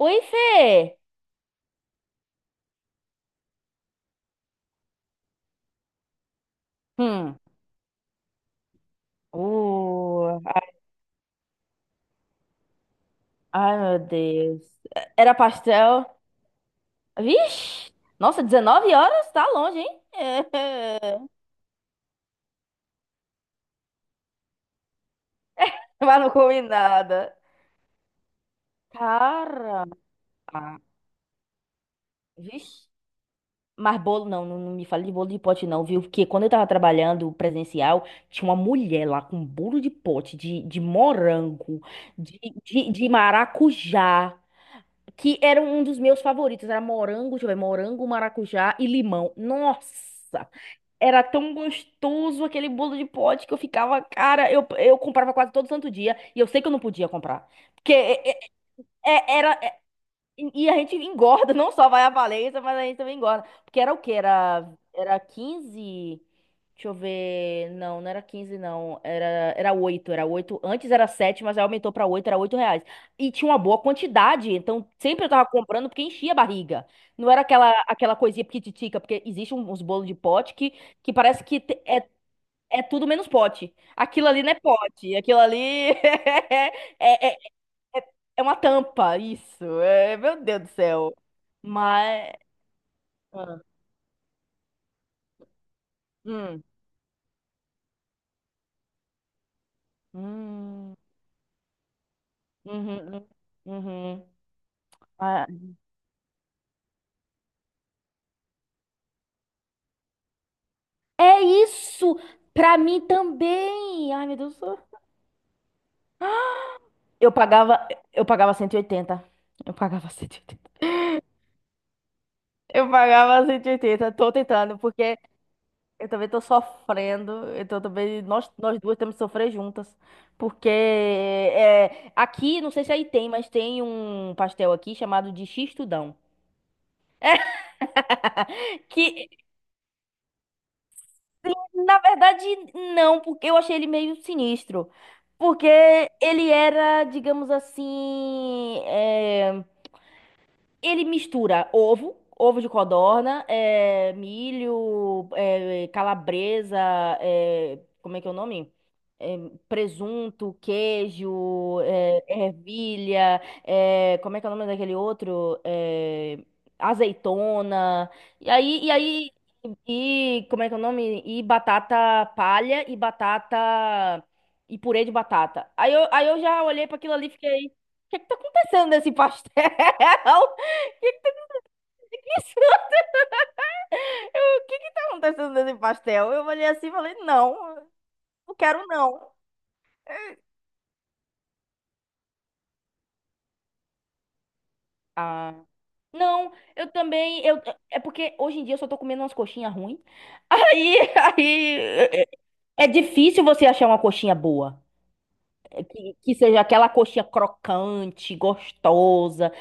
Oi, Fê! Hum. Uh, Ai, meu Deus. Era pastel. Vixe! Nossa, 19h? Tá longe, hein? Mas não comi nada. Cara. Vixe. Mas bolo, não, não, não me fale de bolo de pote, não, viu? Porque quando eu tava trabalhando presencial, tinha uma mulher lá com bolo de pote, de morango, de, de maracujá, que era um dos meus favoritos. Era morango, deixa eu ver, morango, maracujá e limão. Nossa, era tão gostoso aquele bolo de pote que eu ficava, cara, eu comprava quase todo santo dia e eu sei que eu não podia comprar. Porque é- é- é- Era. E a gente engorda, não só vai à falência, mas a gente também engorda. Porque era o quê? Era 15. Deixa eu ver. Não, não era 15 não. Era oito. Era oito. Antes era sete, mas aí aumentou pra oito, era R$ 8. E tinha uma boa quantidade. Então sempre eu tava comprando porque enchia a barriga. Não era aquela coisinha pititica, porque existe uns bolos de pote que parece que é tudo menos pote. Aquilo ali não é pote. Aquilo ali é, é uma tampa, isso. É, meu Deus do céu. Mas. Ah, Hum. Hum. Uhum. Uhum. Uhum. Ah, é isso! Pra mim também! Ai, meu Deus do céu. Eu pagava, eu pagava 180. Eu pagava 180. Eu pagava 180. Tô tentando, porque eu também tô sofrendo. Então também nós duas temos que sofrer juntas. Porque é, aqui, não sei se aí tem, mas tem um pastel aqui chamado de x. Que, na verdade, não, porque eu achei ele meio sinistro. Porque ele era, digamos assim, é, ele mistura ovo, ovo de codorna, é, milho, é, calabresa, é, como é que é o nome? Presunto, queijo, ervilha, como é que é o nome daquele outro? Azeitona. E aí, e aí, e como é que é o nome? E batata palha e batata e purê de batata. Aí eu já olhei para aquilo ali e fiquei, o que que tá acontecendo nesse pastel? O que que isso? O que que tá acontecendo nesse pastel? Eu olhei assim e falei, não, não quero não. Ah. Não, eu também. É porque hoje em dia eu só tô comendo umas coxinhas ruins. Aí, aí. É é difícil você achar uma coxinha boa. É. Que seja aquela coxinha crocante, gostosa.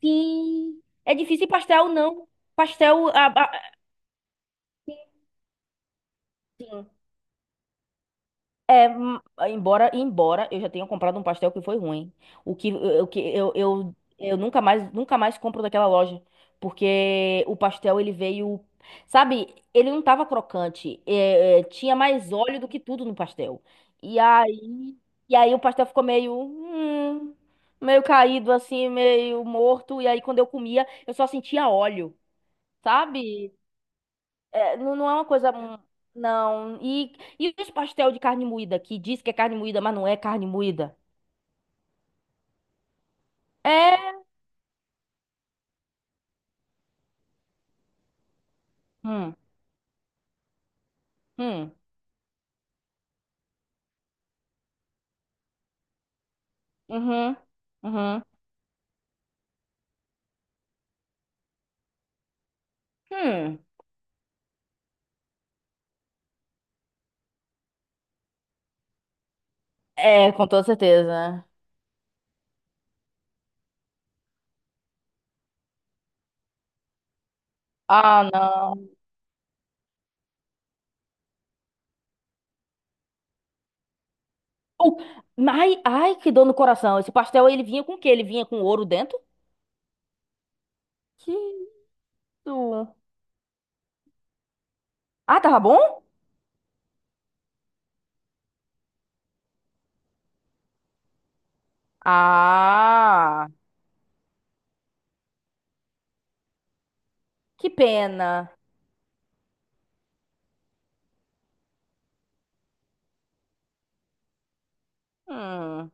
Sim. É difícil e pastel, não. Pastel. Sim. É, embora eu já tenha comprado um pastel que foi ruim. O que, o que eu nunca mais, compro daquela loja, porque o pastel ele veio, sabe, ele não tava crocante, tinha mais óleo do que tudo no pastel. E aí, e aí o pastel ficou meio, meio caído assim, meio morto, e aí quando eu comia, eu só sentia óleo, sabe? É, não, não é uma coisa. Hum. Não. E os pastel de carne moída, que diz que é carne moída, mas não é carne moída? É. Hum, hum, uhum, uhum, hum. É, com toda certeza. Ah, não. Oh, ai, ai, que dor no coração. Esse pastel, ele vinha com o quê? Ele vinha com ouro dentro? Que isso? Ah, tava bom? Ah, que pena. Hum.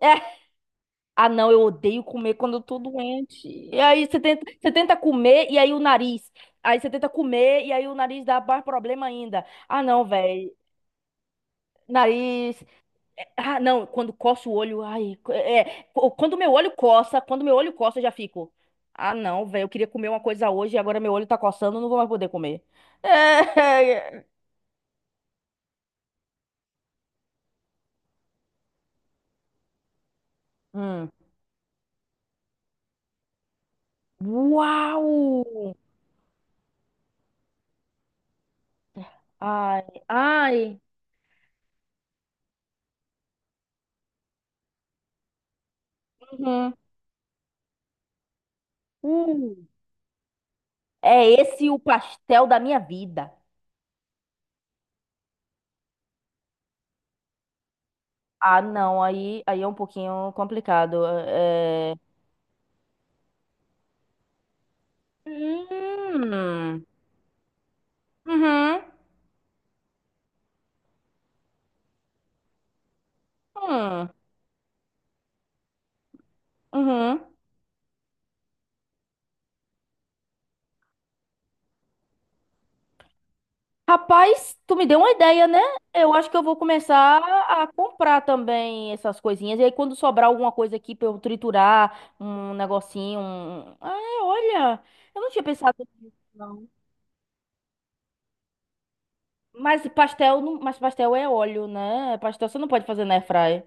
Ah, não, eu odeio comer quando eu tô doente. E aí você tenta comer e aí o nariz. Aí você tenta comer e aí o nariz dá mais problema ainda. Ah, não, velho. Nariz. É. Ah, não, quando coça o olho, ai, quando meu olho coça, quando meu olho coça, eu já fico. Ah, não, velho, eu queria comer uma coisa hoje e agora meu olho tá coçando, eu não vou mais poder comer. É, hum. Uau! Ai, ai. Uhum. Hum. É esse o pastel da minha vida. Ah, não, aí, aí é um pouquinho complicado. É... Hum, uhum, hum, uhum. Rapaz, tu me deu uma ideia, né? Eu acho que eu vou começar a comprar também essas coisinhas. E aí, quando sobrar alguma coisa aqui pra eu triturar, um negocinho. Um... Ah, olha, eu não tinha pensado nisso, não. Mas pastel, não... Mas pastel é óleo, né? Pastel você não pode fazer na airfryer.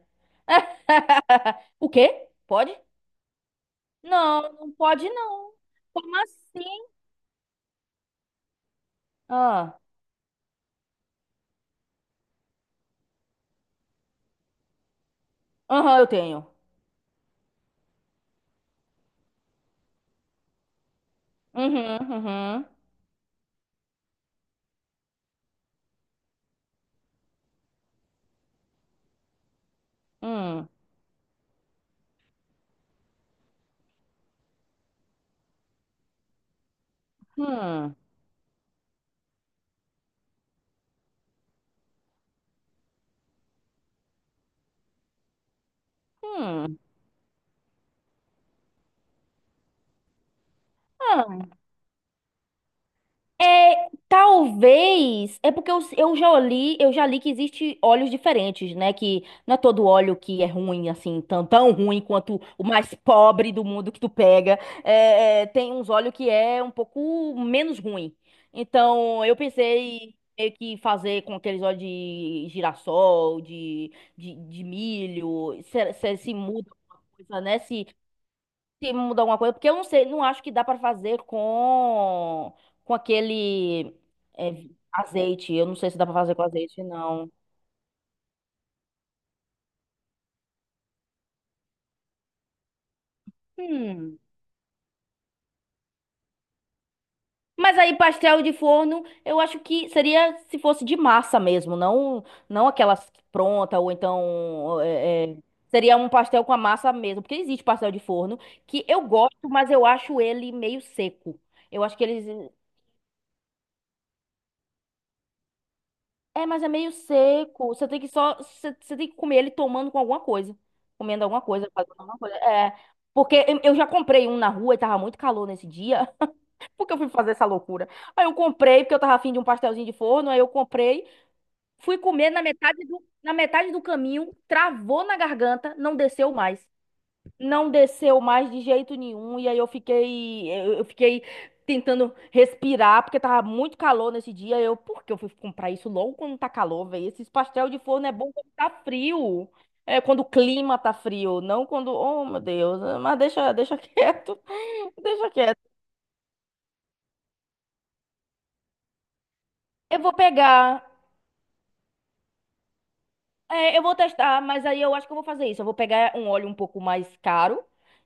O quê? Pode? Não, não pode não. Como assim? Ah, aham, eu tenho. Uhum, uhum. Hum, hum, hum. Ah, é, talvez, é porque eu já li que existe óleos diferentes, né? Que não é todo óleo que é ruim, assim, tão, tão ruim quanto o mais pobre do mundo que tu pega. É, é, tem uns óleos que é um pouco menos ruim. Então, eu pensei meio que fazer com aqueles óleos de girassol, de milho, se muda alguma coisa, né? Se mudar alguma coisa, porque eu não sei, não acho que dá para fazer com aquele é, azeite. Eu não sei se dá para fazer com azeite, não. Hum. Mas aí pastel de forno, eu acho que seria se fosse de massa mesmo, não não aquelas pronta ou então é, é, seria um pastel com a massa mesmo, porque existe pastel de forno que eu gosto, mas eu acho ele meio seco. Eu acho que eles. É, mas é meio seco. Você tem que só. Você, você tem que comer ele tomando com alguma coisa. Comendo alguma coisa, fazendo alguma coisa. É. Porque eu já comprei um na rua e tava muito calor nesse dia. Porque eu fui fazer essa loucura. Aí eu comprei, porque eu tava afim de um pastelzinho de forno. Aí eu comprei, fui comer na metade do caminho, travou na garganta, não desceu mais, não desceu mais de jeito nenhum e aí eu fiquei tentando respirar porque tava muito calor nesse dia. Eu, por que eu fui comprar isso logo quando tá calor, velho? Esses pastel de forno é bom quando tá frio. É quando o clima tá frio, não quando, oh meu Deus, mas deixa, deixa quieto. Deixa quieto. Eu vou pegar. É, eu vou testar, mas aí eu acho que eu vou fazer isso. Eu vou pegar um óleo um pouco mais caro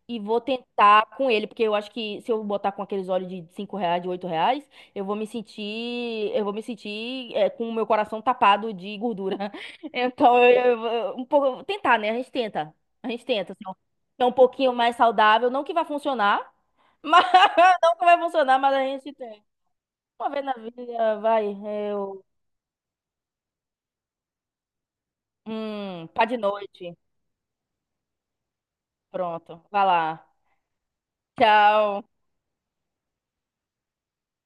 e vou tentar com ele, porque eu acho que se eu botar com aqueles óleos de R$ 5, de R$ 8, eu vou me sentir é, com o meu coração tapado de gordura. Então, um pouco, eu vou tentar, né? A gente tenta. A gente tenta. Assim, ó, ser um pouquinho mais saudável, não que vai funcionar, mas não que vai funcionar, mas a gente tem. Uma vez na vida, vai, eu. Pá de noite. Pronto, vai lá. Tchau.